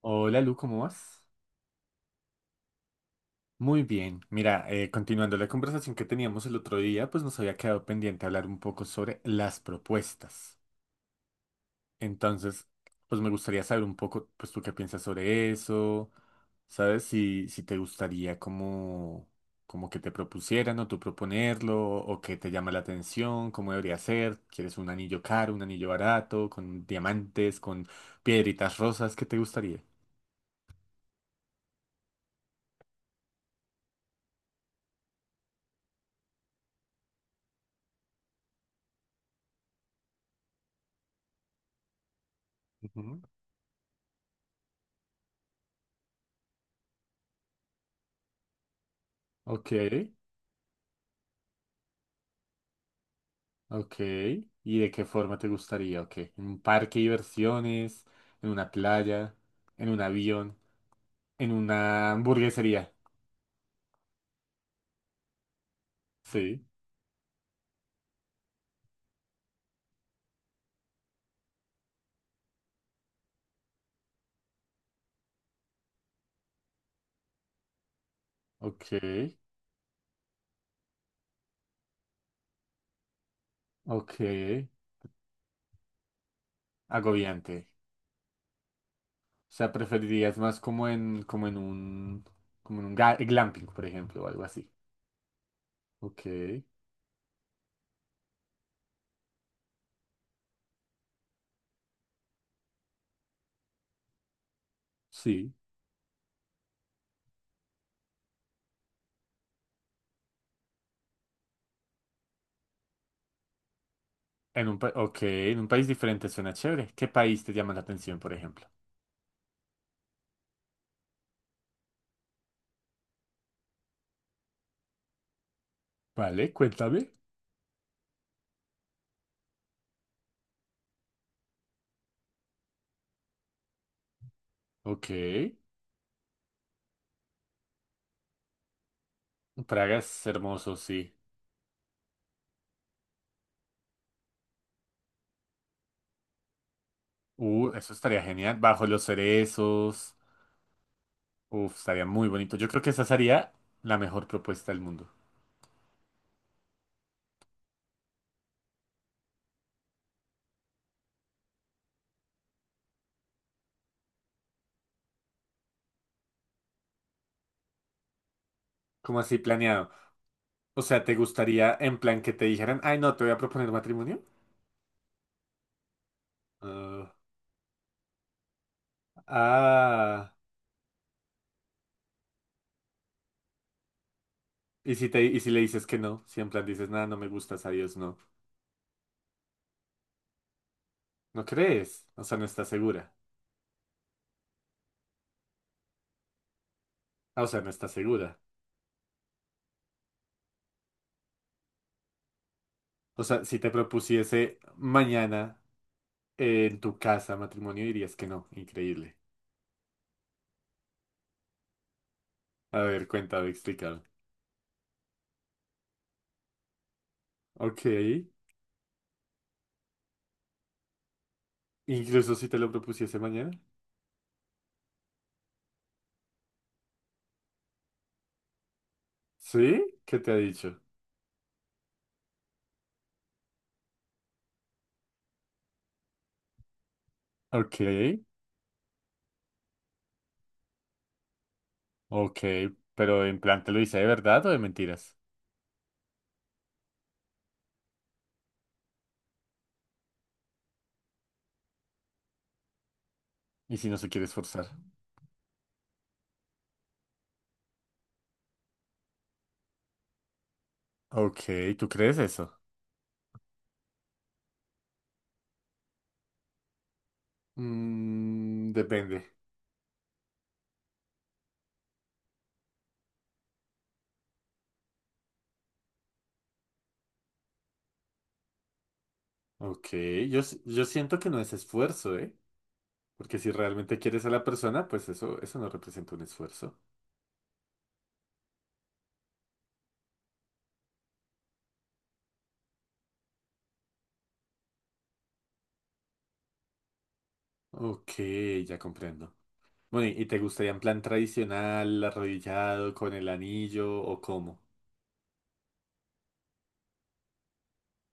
Hola Lu, ¿cómo vas? Muy bien. Mira, continuando la conversación que teníamos el otro día, pues nos había quedado pendiente hablar un poco sobre las propuestas. Entonces, pues me gustaría saber un poco, pues tú qué piensas sobre eso, ¿sabes? Si te gustaría como, como que te propusieran o tú proponerlo, o qué te llama la atención, cómo debería ser, ¿quieres un anillo caro, un anillo barato, con diamantes, con piedritas rosas? ¿Qué te gustaría? Ujú. Ok. Ok. ¿Y de qué forma te gustaría? Ok. ¿En un parque de diversiones? ¿En una playa? ¿En un avión? ¿En una hamburguesería? Sí. Ok. Ok. Agobiante. O sea, preferirías más como en, como en un ga- glamping, por ejemplo, o algo así. Ok. Sí. Ok. En un país diferente suena chévere. ¿Qué país te llama la atención, por ejemplo? Vale, cuéntame. Ok. Praga es hermoso, sí. Eso estaría genial. Bajo los cerezos. Uf, estaría muy bonito. Yo creo que esa sería la mejor propuesta del mundo. ¿Cómo así planeado? O sea, ¿te gustaría en plan que te dijeran, ay, no, te voy a proponer matrimonio? Ah. Ah. ¿Y y si le dices que no? Si en plan dices, nada, no me gustas, adiós, no. ¿No crees? O sea, no estás segura. Ah, o sea, no estás segura. O sea, si te propusiese mañana en tu casa matrimonio, dirías que no. Increíble. A ver, cuéntame, explícame. Ok. Incluso si te lo propusiese mañana. ¿Sí? ¿Qué te ha dicho? Ok, ok, pero en plan, ¿te lo dice de verdad o de mentiras? ¿Y si no se quiere esforzar? Ok, ¿tú crees eso? Mm, depende. Ok, yo siento que no es esfuerzo, ¿eh? Porque si realmente quieres a la persona, pues eso no representa un esfuerzo. Ok, ya comprendo. Bueno, ¿y te gustaría en plan tradicional, arrodillado, con el anillo o cómo?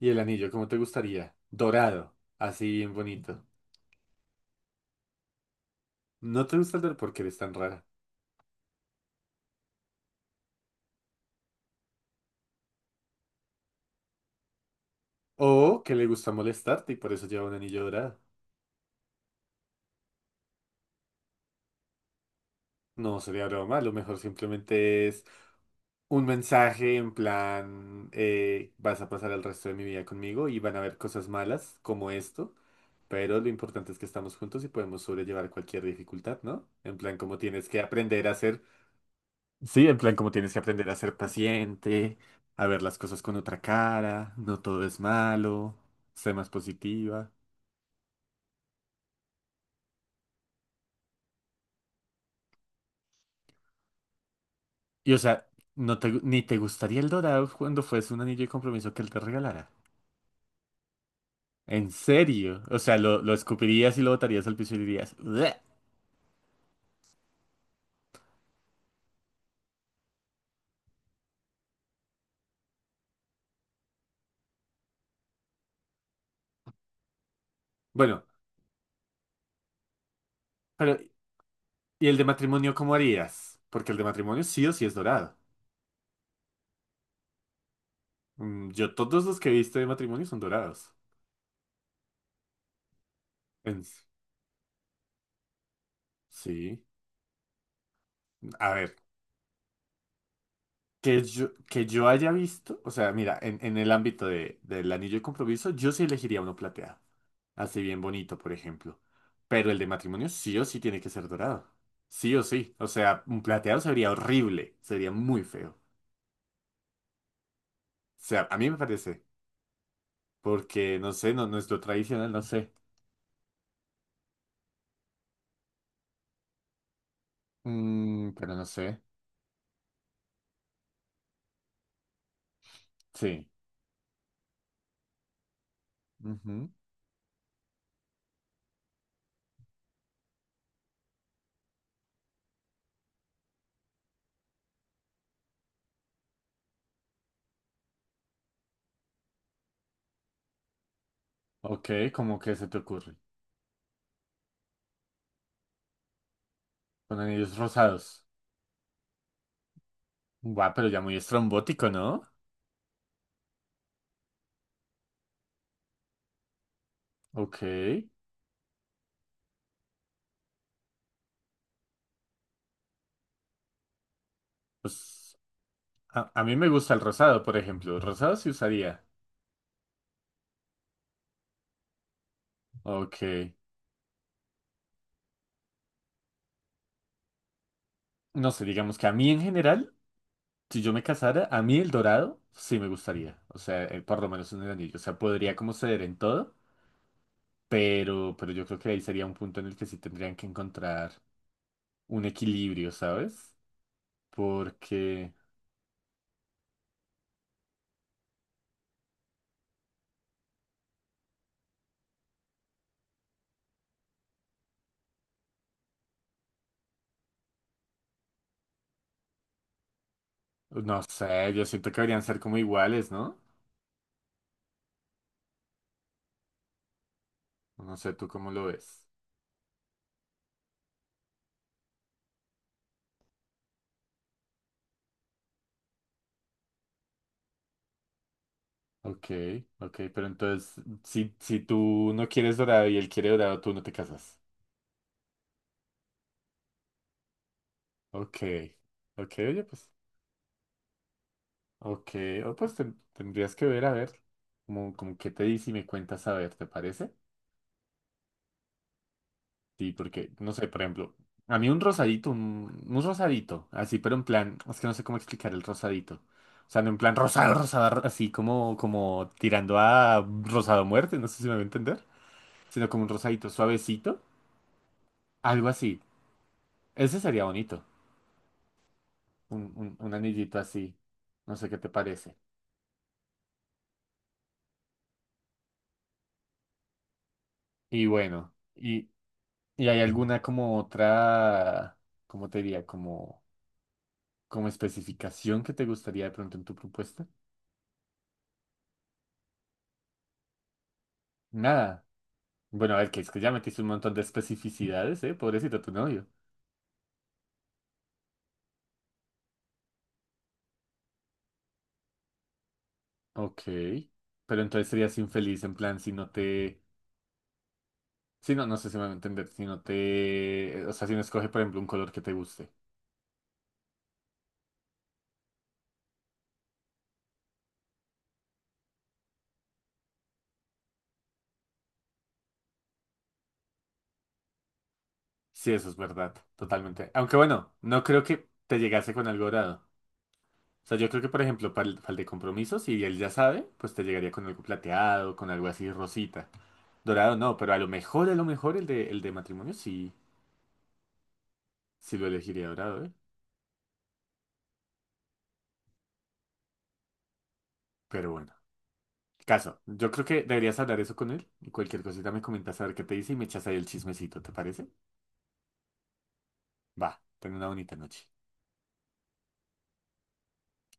Y el anillo, ¿cómo te gustaría? Dorado, así bien bonito. No te gusta el dorado porque eres tan rara. O que le gusta molestarte y por eso lleva un anillo dorado. No sería broma, lo mejor simplemente es un mensaje en plan, vas a pasar el resto de mi vida conmigo y van a haber cosas malas como esto, pero lo importante es que estamos juntos y podemos sobrellevar cualquier dificultad, ¿no? En plan, como tienes que aprender a ser. Sí, en plan como tienes que aprender a ser paciente, a ver las cosas con otra cara, no todo es malo, ser más positiva. Y o sea, ni te gustaría el dorado cuando fuese un anillo de compromiso que él te regalara. En serio. O sea, lo escupirías y lo botarías al piso y dirías, "Bleh". Bueno, pero ¿y el de matrimonio cómo harías? Porque el de matrimonio sí o sí es dorado. Mm, yo todos los que he visto de matrimonio son dorados. En- Sí. A ver. Que yo haya visto, o sea, mira, en el ámbito del anillo de compromiso, yo sí elegiría uno plateado, así bien bonito, por ejemplo. Pero el de matrimonio sí o sí tiene que ser dorado. Sí o sí. O sea, un plateado sería horrible, sería muy feo. O sea, a mí me parece, porque no sé, no es lo tradicional, no sé. Mm, pero no sé, sí. Ujú. Ok, ¿cómo que se te ocurre? Con anillos rosados. Guau, pero ya muy estrombótico, ¿no? Ok. Pues a mí me gusta el rosado, por ejemplo. Rosado sí usaría. Ok. No sé, digamos que a mí en general, si yo me casara, a mí el dorado sí me gustaría. O sea, por lo menos en el anillo. O sea, podría como ceder en todo, pero yo creo que ahí sería un punto en el que sí tendrían que encontrar un equilibrio, ¿sabes? Porque, no sé, yo siento que deberían ser como iguales, ¿no? No sé, ¿tú cómo lo ves? Ok, ok, pero entonces, si tú no quieres dorado y él quiere dorado, tú no te casas. Ok, ok, oye, pues, ok, o pues tendrías que ver, a ver, como qué te dice y me cuentas, a ver, ¿te parece? Sí, porque, no sé, por ejemplo, a mí un rosadito, un rosadito, así, pero en plan, es que no sé cómo explicar el rosadito. O sea, no en plan rosado así como, como tirando a rosado a muerte, no sé si me voy a entender, sino como un rosadito suavecito, algo así. Ese sería bonito, un anillito así, no sé qué te parece. Y bueno. ¿Y hay alguna como otra, cómo te diría, como, como especificación que te gustaría de pronto en tu propuesta? Nada. Bueno, a ver, que es que ya metiste un montón de especificidades, ¿eh? Pobrecito tu novio. Ok. Pero entonces serías infeliz en plan si no te... Si no, no sé si me voy a entender. Si no te... O sea, si no escoge, por ejemplo, un color que te guste. Sí, eso es verdad. Totalmente. Aunque bueno, no creo que te llegase con algo dorado. O sea, yo creo que, por ejemplo, para el de compromiso, si él ya sabe, pues te llegaría con algo plateado, con algo así rosita. Dorado no, pero a lo mejor el de matrimonio sí, sí lo elegiría dorado, ¿eh? Pero bueno, caso. Yo creo que deberías hablar eso con él y cualquier cosita me comentas a ver qué te dice y me echas ahí el chismecito, ¿te parece? Va, ten una bonita noche.